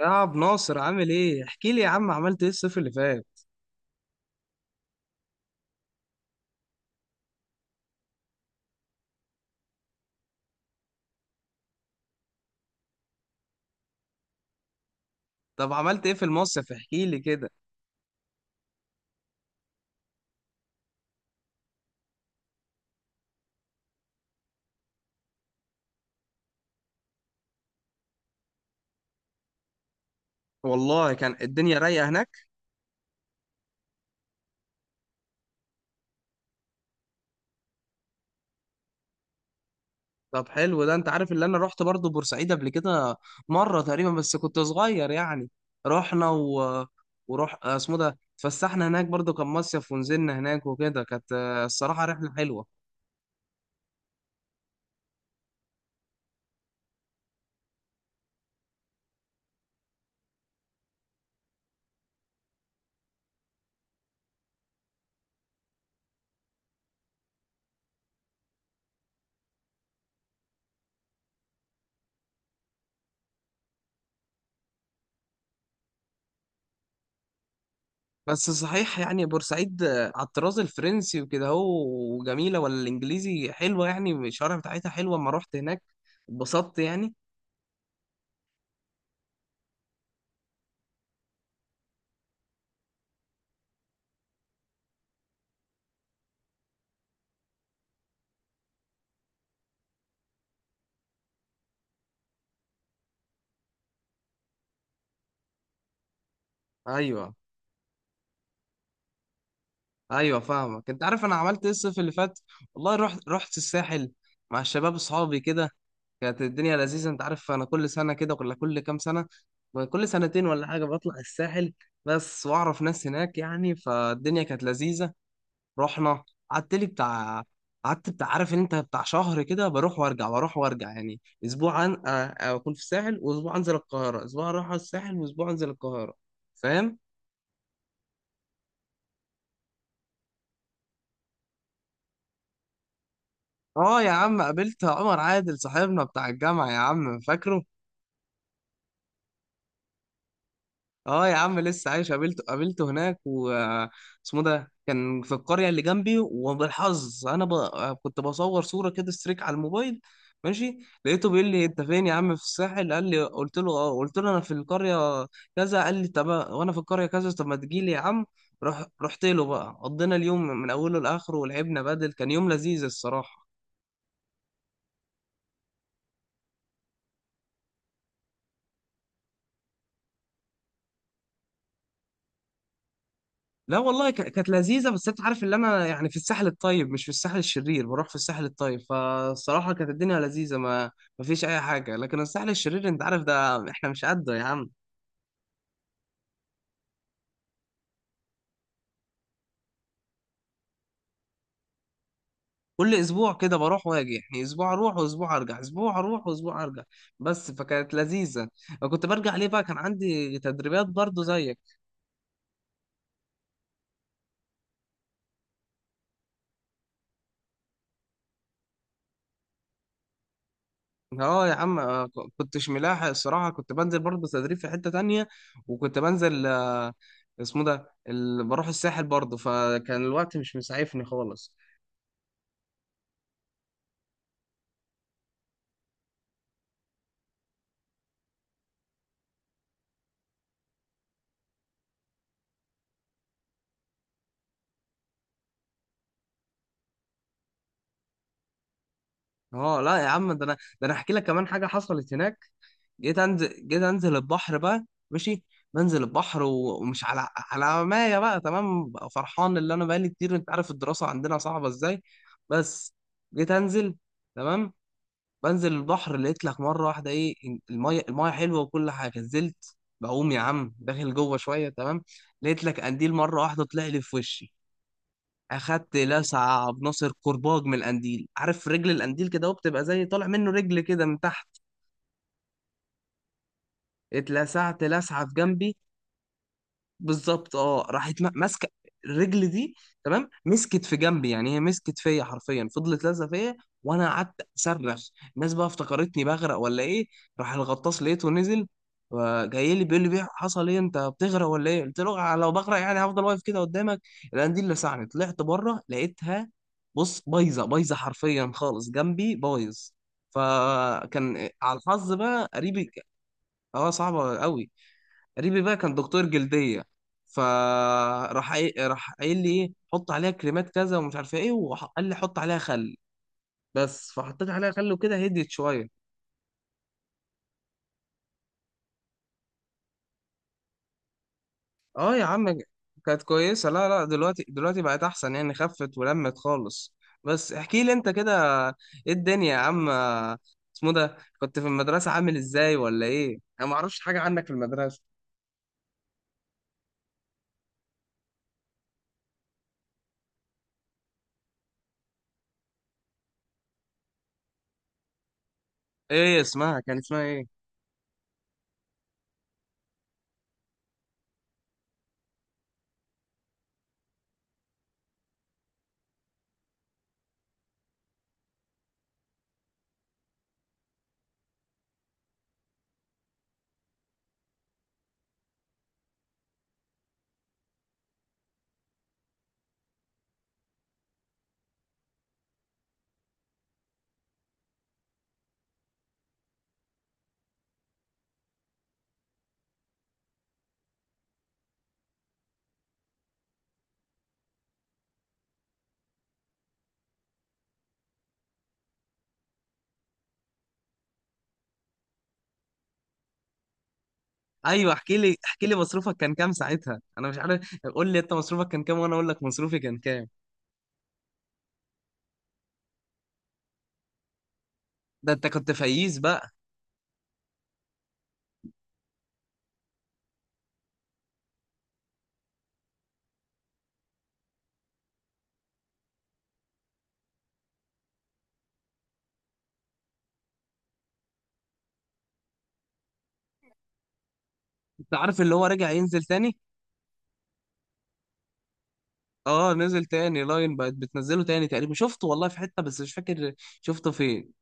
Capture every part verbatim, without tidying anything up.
يا عم ناصر، عامل ايه؟ احكي لي يا عم، عملت ايه الصيف اللي فات؟ طب عملت ايه في المصيف؟ احكي لي كده. والله كان الدنيا رايقه هناك. طب حلو ده. انت عارف، اللي انا رحت برضو بورسعيد قبل كده مره تقريبا، بس كنت صغير يعني. رحنا و... وروح اسمه ده، اتفسحنا هناك برضو كان مصيف ونزلنا هناك وكده، كانت آه، الصراحه رحله حلوه. بس صحيح، يعني بورسعيد آه، على الطراز الفرنسي وكده هو، وجميله ولا الانجليزي؟ حلوه يعني، الشوارع بتاعتها حلوه، اما رحت هناك اتبسطت يعني. ايوه، ايوه، فاهمك. انت عارف انا عملت ايه الصيف اللي فات؟ والله رحت رحت الساحل، مع الشباب اصحابي كده. كانت الدنيا لذيذه. انت عارف انا كل سنه كده ولا كل كام سنه؟ كل سنتين ولا حاجه بطلع الساحل، بس واعرف ناس هناك يعني، فالدنيا كانت لذيذه. رحنا، قعدت لي بتاع قعدت بتاع، عارف ان انت بتاع شهر كده، بروح وارجع بروح وارجع، يعني اسبوع عن... آه، آه، اكون في الساحل واسبوع انزل القاهره، اسبوع اروح على الساحل واسبوع انزل القاهره. فاهم؟ اه يا عم، قابلت عمر عادل صاحبنا بتاع الجامعة، يا عم فاكره؟ اه يا عم لسه عايش، قابلته قابلته هناك و اسمه ده كان في القرية اللي جنبي، وبالحظ انا ب... كنت بصور صورة كده ستريك على الموبايل. ماشي. لقيته بيقول لي: انت فين يا عم؟ في الساحل، قال لي. قلت له اه، قلت له انا في القرية كذا. قال لي: طب وانا في القرية كذا، طب ما تجي لي يا عم. رح... رحت له بقى، قضينا اليوم من اوله لاخره ولعبنا بدل، كان يوم لذيذ الصراحة. لا والله ك- كانت لذيذه، بس انت عارف اللي انا يعني في الساحل الطيب مش في الساحل الشرير، بروح في الساحل الطيب، فالصراحه كانت الدنيا لذيذه، ما ما فيش اي حاجه، لكن الساحل الشرير انت عارف ده، احنا مش قده يا عم. كل اسبوع كده بروح واجي، يعني اسبوع اروح واسبوع ارجع، اسبوع اروح واسبوع ارجع، بس فكانت لذيذه. وكنت برجع ليه بقى، كان عندي تدريبات برضو زيك. اه يا عم، آه، ك- كنتش ملاحق الصراحة، كنت بنزل برضه تدريب في حتة تانية، وكنت بنزل آه، اسمه ده ال... بروح الساحل برضه، فكان الوقت مش مسعفني خالص. اه لا يا عم، ده انا ده انا احكي لك كمان حاجة حصلت هناك. جيت انزل جيت انزل البحر بقى. ماشي. بنزل البحر و- ومش على على مايه بقى، تمام بقى، فرحان اللي انا بقالي كتير، انت عارف الدراسة عندنا صعبة ازاي. بس، جيت انزل، تمام. بنزل البحر، لقيت لك مره واحده ايه؟ المايه المايه حلوه، وكل حاجه، نزلت. بقوم يا عم داخل جوه شويه، تمام. لقيت لك قنديل، مره واحده طلع لي في وشي. اخدت لسعه بناصر كرباج من القنديل. عارف رجل القنديل كده، وبتبقى زي طالع منه رجل كده من تحت؟ اتلسعت لسعه في جنبي. بالظبط، اه، راحت ما- ماسكه. الرجل دي، تمام، مسكت في جنبي، يعني هي مسكت فيا حرفيا، فضلت لازقه فيا. وانا قعدت اصرخ، الناس بقى افتكرتني بغرق ولا ايه. راح الغطاس لقيته نزل، جاي لي بيقول لي: بيه حصل ايه، انت بتغرق ولا ايه؟ قلت له: "آه، لو بغرق يعني هفضل واقف كده قدامك؟ لان دي اللي لسعني، طلعت بره لقيتها، بص بايظه بايظه حرفيا خالص، جنبي بايظ." فكان على الحظ بقى قريبي. اه صعبه قوي. قريبي بقى كان دكتور جلديه، فراح قايل- راح قايل لي ايه، حط عليها كريمات كذا ومش عارف ايه، وقال لي حط عليها خل. بس فحطيت عليها خل وكده هديت شويه. اه يا عم، كانت كويسه. لا، لا، دلوقتي دلوقتي بقت احسن يعني، خفت ولمت خالص. بس احكي لي انت كده، ايه الدنيا يا عم؟ اسمه ده، كنت في المدرسه عامل ازاي ولا ايه؟ انا ما اعرفش حاجه عنك في المدرسه. ايه اسمها؟ كان اسمها ايه؟ ايوه، احكي لي احكي لي مصروفك كان كام ساعتها؟ انا مش عارف. قول لي انت مصروفك كان كام وانا اقول لك مصروفي كان كام. ده انت كنت فقيس بقى. انت عارف اللي هو رجع ينزل تاني؟ اه نزل تاني، لاين بقت بتنزله تاني تقريبا. شفته والله في حتة بس مش فاكر شفته فين.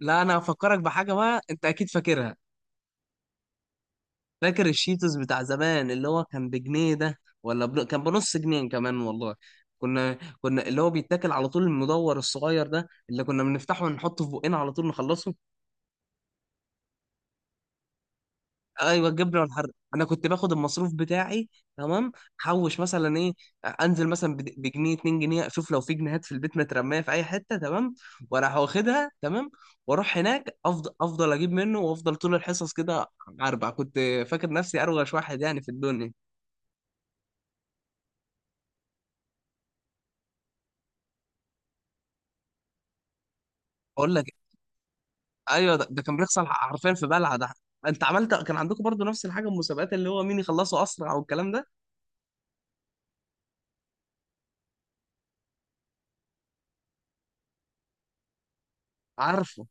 لا، انا هفكرك بحاجة بقى انت اكيد فاكرها. فاكر الشيتوس بتاع زمان اللي هو كان بجنيه ده ولا بن... كان بنص جنيه كمان والله؟ كنا كنا اللي هو بيتاكل على طول، المدور الصغير ده اللي كنا بنفتحه ونحطه في بقنا على طول نخلصه. ايوه الجبنه والحر. انا كنت باخد المصروف بتاعي، تمام، حوش مثلا ايه، انزل مثلا بد- بجنيه، اتنين جنيه، اشوف لو في جنيهات في البيت مترميه في اي حته، تمام، واروح واخدها، تمام، واروح هناك افضل افضل اجيب منه، وافضل طول الحصص كده اربع، كنت فاكر نفسي اروش واحد يعني في الدنيا. اقول لك، ايوه، ده, ده كان بيحصل حرفيا في بلعه ده. انت عملت كان عندكم برضو نفس الحاجه، المسابقات اللي هو مين يخلصه اسرع والكلام ده؟ عارفه.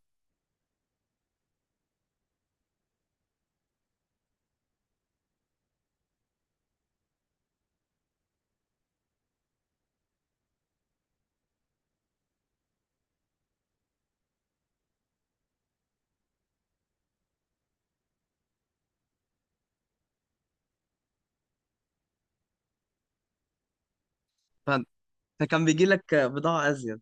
فانت كان بيجي لك بضاعه ازيد؟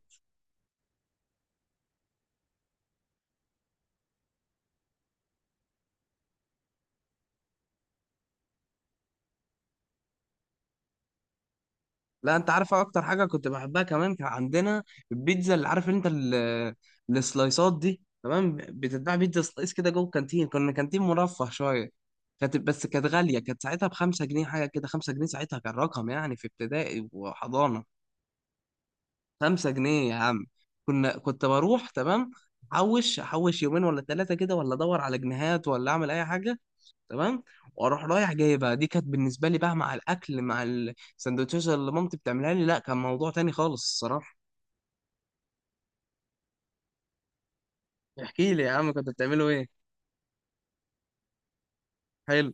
لا، انت عارف اكتر حاجه كنت بحبها كمان؟ كان عندنا البيتزا، اللي عارف انت ال- السلايسات دي، تمام، بتتباع بيتزا سلايس كده جوه الكانتين، كنا كانتين مرفه شويه. كانت، بس كانت غاليه، كانت ساعتها بخمسة جنيه حاجه كده، خمسة جنيه ساعتها كان رقم يعني، في ابتدائي وحضانه. خمسة جنيه يا عم. كنا، كنت بروح، تمام، احوش احوش يومين ولا ثلاثه كده، ولا ادور على جنيهات، ولا اعمل اي حاجه، تمام، واروح رايح جايبها، دي كانت بالنسبه لي بقى مع الاكل، مع السندوتشات اللي مامتي بتعملها لي، لا كان موضوع تاني خالص الصراحه. احكي لي يا عم، كنت بتعملوا ايه؟ حلو.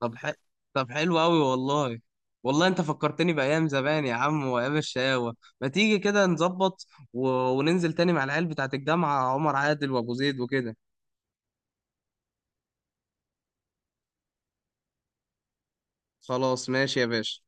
طب ح... طب حلو قوي والله. والله انت فكرتني بايام زمان يا عم، وايام الشقاوه، ما تيجي كده نظبط و... وننزل تاني مع العيال بتاعت الجامعه، عمر عادل وابو زيد وكده. خلاص ماشي يا باشا.